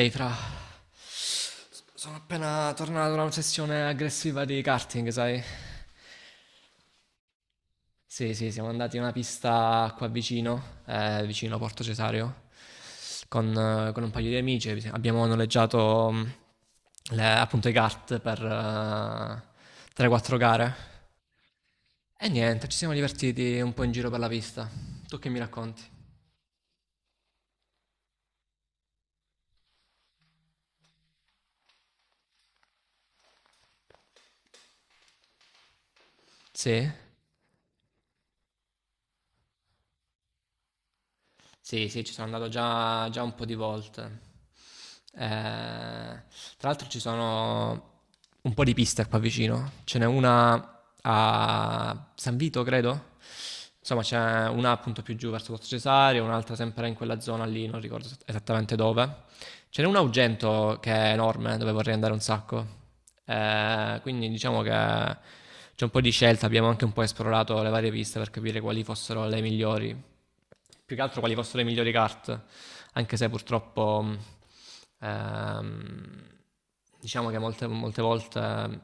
Ehi, fra. Sono appena tornato da una sessione aggressiva di karting, sai? Sì, sì, siamo andati in una pista qua vicino, vicino a Porto Cesario, con un paio di amici. Abbiamo noleggiato appunto i kart per 3-4 gare. E niente, ci siamo divertiti un po' in giro per la pista. Tu che mi racconti? Sì? Sì, sì, ci sono andato già un po' di volte. Eh, tra l'altro ci sono un po' di piste qua vicino. Ce n'è una a San Vito, credo. Insomma, c'è una appunto più giù verso Pozzo Cesario, un'altra sempre in quella zona lì, non ricordo esattamente dove. Ce n'è un Augento che è enorme, dove vorrei andare un sacco. Quindi diciamo che c'è un po' di scelta, abbiamo anche un po' esplorato le varie piste per capire quali fossero le migliori, più che altro quali fossero le migliori carte, anche se purtroppo ehm, diciamo che molte volte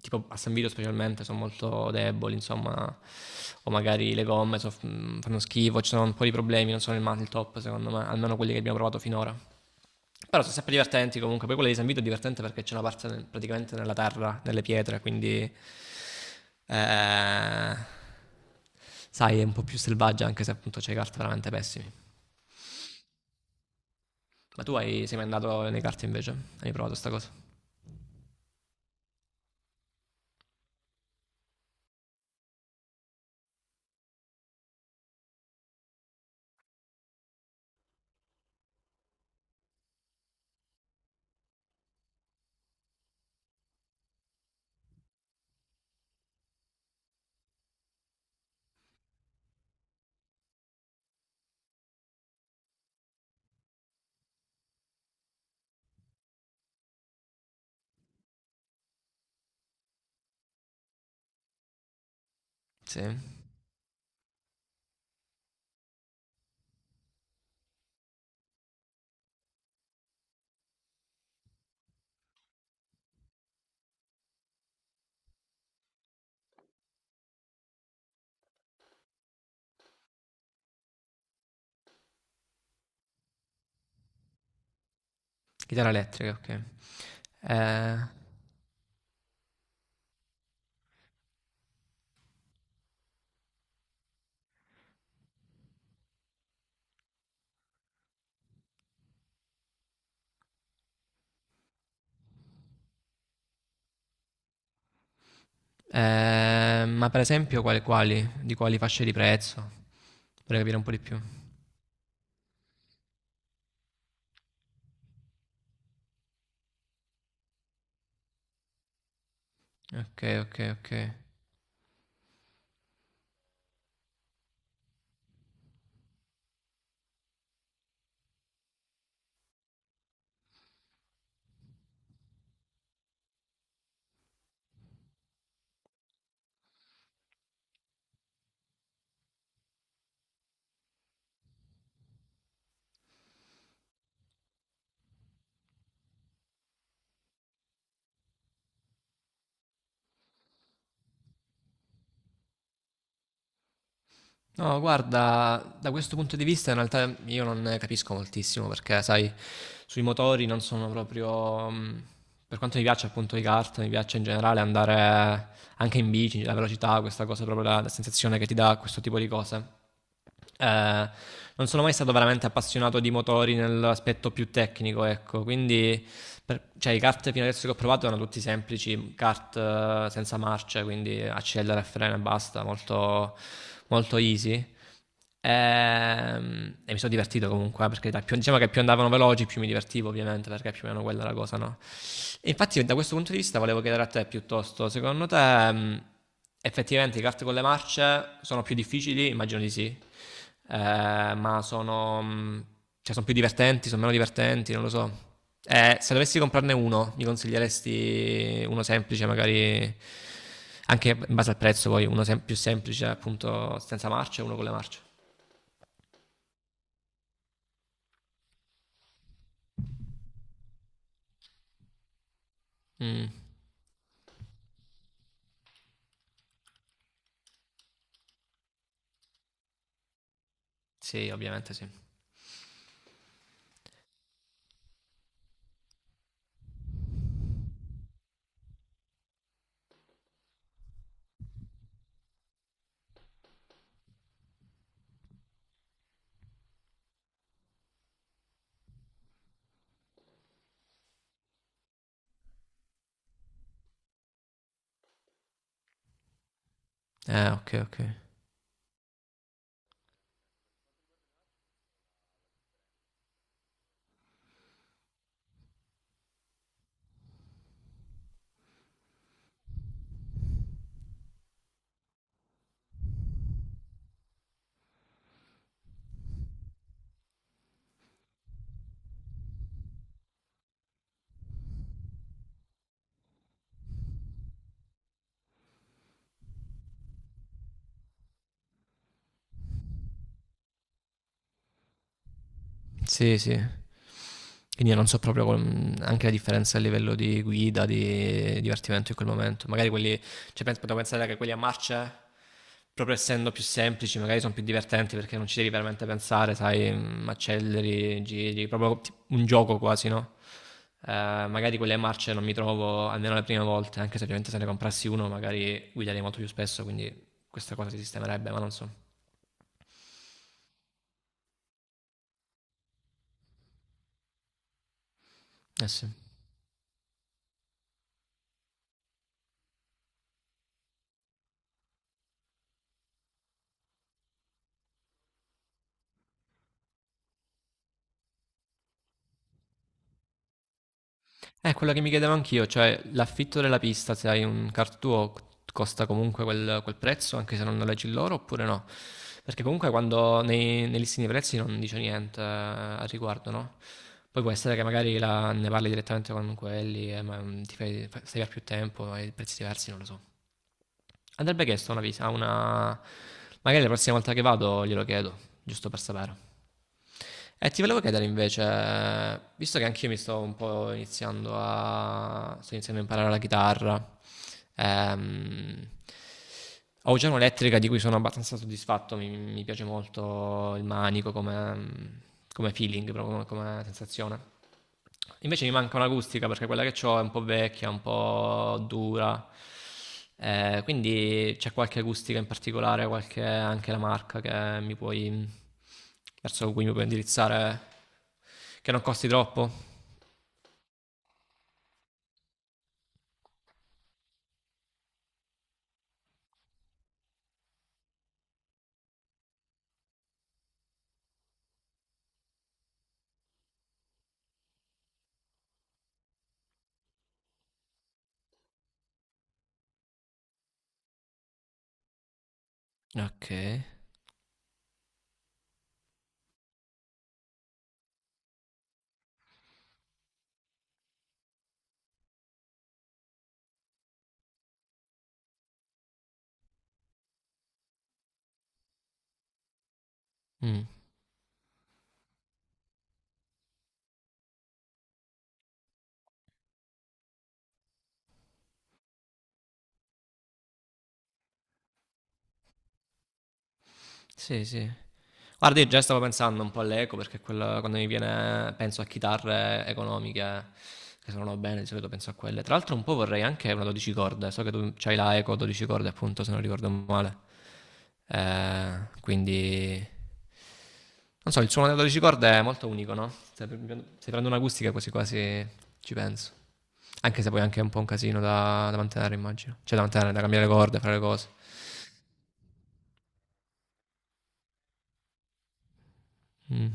tipo a San Vito specialmente sono molto deboli, insomma, o magari le gomme fanno schifo, ci sono un po' di problemi, non sono il top secondo me, almeno quelli che abbiamo provato finora. Però sono sempre divertenti comunque. Poi quella di San Vito è divertente perché c'è una parte praticamente nella terra, nelle pietre, quindi, eh, sai, è un po' più selvaggia anche se appunto c'hai carte veramente pessimi. Ma tu sei mai andato nei carte invece? Hai provato sta cosa? Sì. Chitarra elettrica, ok. Eh, ma per esempio quali? Di quali fasce di prezzo? Vorrei capire un po' di più. Ok, ok, ok. No, guarda, da questo punto di vista in realtà io non ne capisco moltissimo perché, sai, sui motori non sono proprio. Per quanto mi piace appunto i kart, mi piace in generale andare anche in bici, la velocità, questa cosa, proprio la sensazione che ti dà questo tipo di cose. Eh, non sono mai stato veramente appassionato di motori nell'aspetto più tecnico, ecco, quindi cioè, i kart fino adesso che ho provato erano tutti semplici, kart senza marcia, quindi accelera e frena e basta, molto, molto easy. E mi sono divertito comunque, perché dai, diciamo che più andavano veloci, più mi divertivo ovviamente, perché più o meno quella è la cosa, no? E infatti, da questo punto di vista, volevo chiedere a te piuttosto, secondo te, effettivamente i kart con le marce sono più difficili? Immagino di sì, ma sono, cioè, sono più divertenti, sono meno divertenti, non lo so. Se dovessi comprarne uno, mi consiglieresti uno semplice, magari anche in base al prezzo, poi uno più semplice, appunto, senza marce e uno con le marce. Mm, sì, ovviamente sì. Ok, ok. Sì, sì. Quindi io non so proprio anche la differenza a livello di guida, di divertimento in quel momento. Magari quelli, cioè penso, potrei pensare che quelli a marce, proprio essendo più semplici, magari sono più divertenti perché non ci devi veramente pensare, sai, acceleri, giri, proprio un gioco quasi, no? Magari quelle marce non mi trovo almeno le prime volte, anche se ovviamente se ne comprassi uno magari guiderei molto più spesso, quindi questa cosa si sistemerebbe, ma non so. Eh sì. È quello che mi chiedevo anch'io, cioè l'affitto della pista, se hai un kart tuo, costa comunque quel prezzo, anche se non noleggi loro, oppure no? Perché comunque quando nei listini dei prezzi non dice niente al riguardo, no? Poi può essere che magari ne parli direttamente con quelli, ma ti fai, stai per più tempo, hai prezzi diversi, non lo so. Andrebbe chiesto una visita, una. Magari la prossima volta che vado glielo chiedo, giusto per sapere. E ti volevo chiedere invece, visto che anch'io mi sto un po' iniziando a... sto iniziando a imparare la chitarra, ehm, ho già un'elettrica di cui sono abbastanza soddisfatto, mi piace molto il manico come feeling, proprio come sensazione. Invece mi manca un'acustica perché quella che ho è un po' vecchia, un po' dura. Quindi c'è qualche acustica in particolare, qualche, anche la marca che mi puoi, verso cui mi puoi indirizzare, che non costi troppo. Ok. Mm. Sì, sì. Guarda, io già stavo pensando un po' all'eco perché quando mi viene, penso a chitarre economiche che suonano bene, di solito penso a quelle. Tra l'altro un po' vorrei anche una 12 corde, so che tu c'hai la eco 12 corde appunto se non ricordo male. Eh, quindi... Non so, il suono delle 12 corde è molto unico, no? Se prendo un'acustica quasi quasi ci penso. Anche se poi è anche un po' un casino da mantenere immagino. Cioè da mantenere, da cambiare le corde, fare le cose. Mm.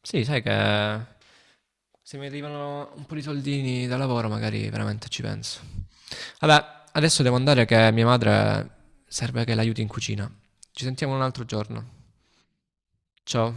Sì, sai che se mi arrivano un po' di soldini da lavoro, magari veramente ci penso. Vabbè, adesso devo andare che mia madre serve che l'aiuti in cucina. Ci sentiamo un altro giorno. Ciao.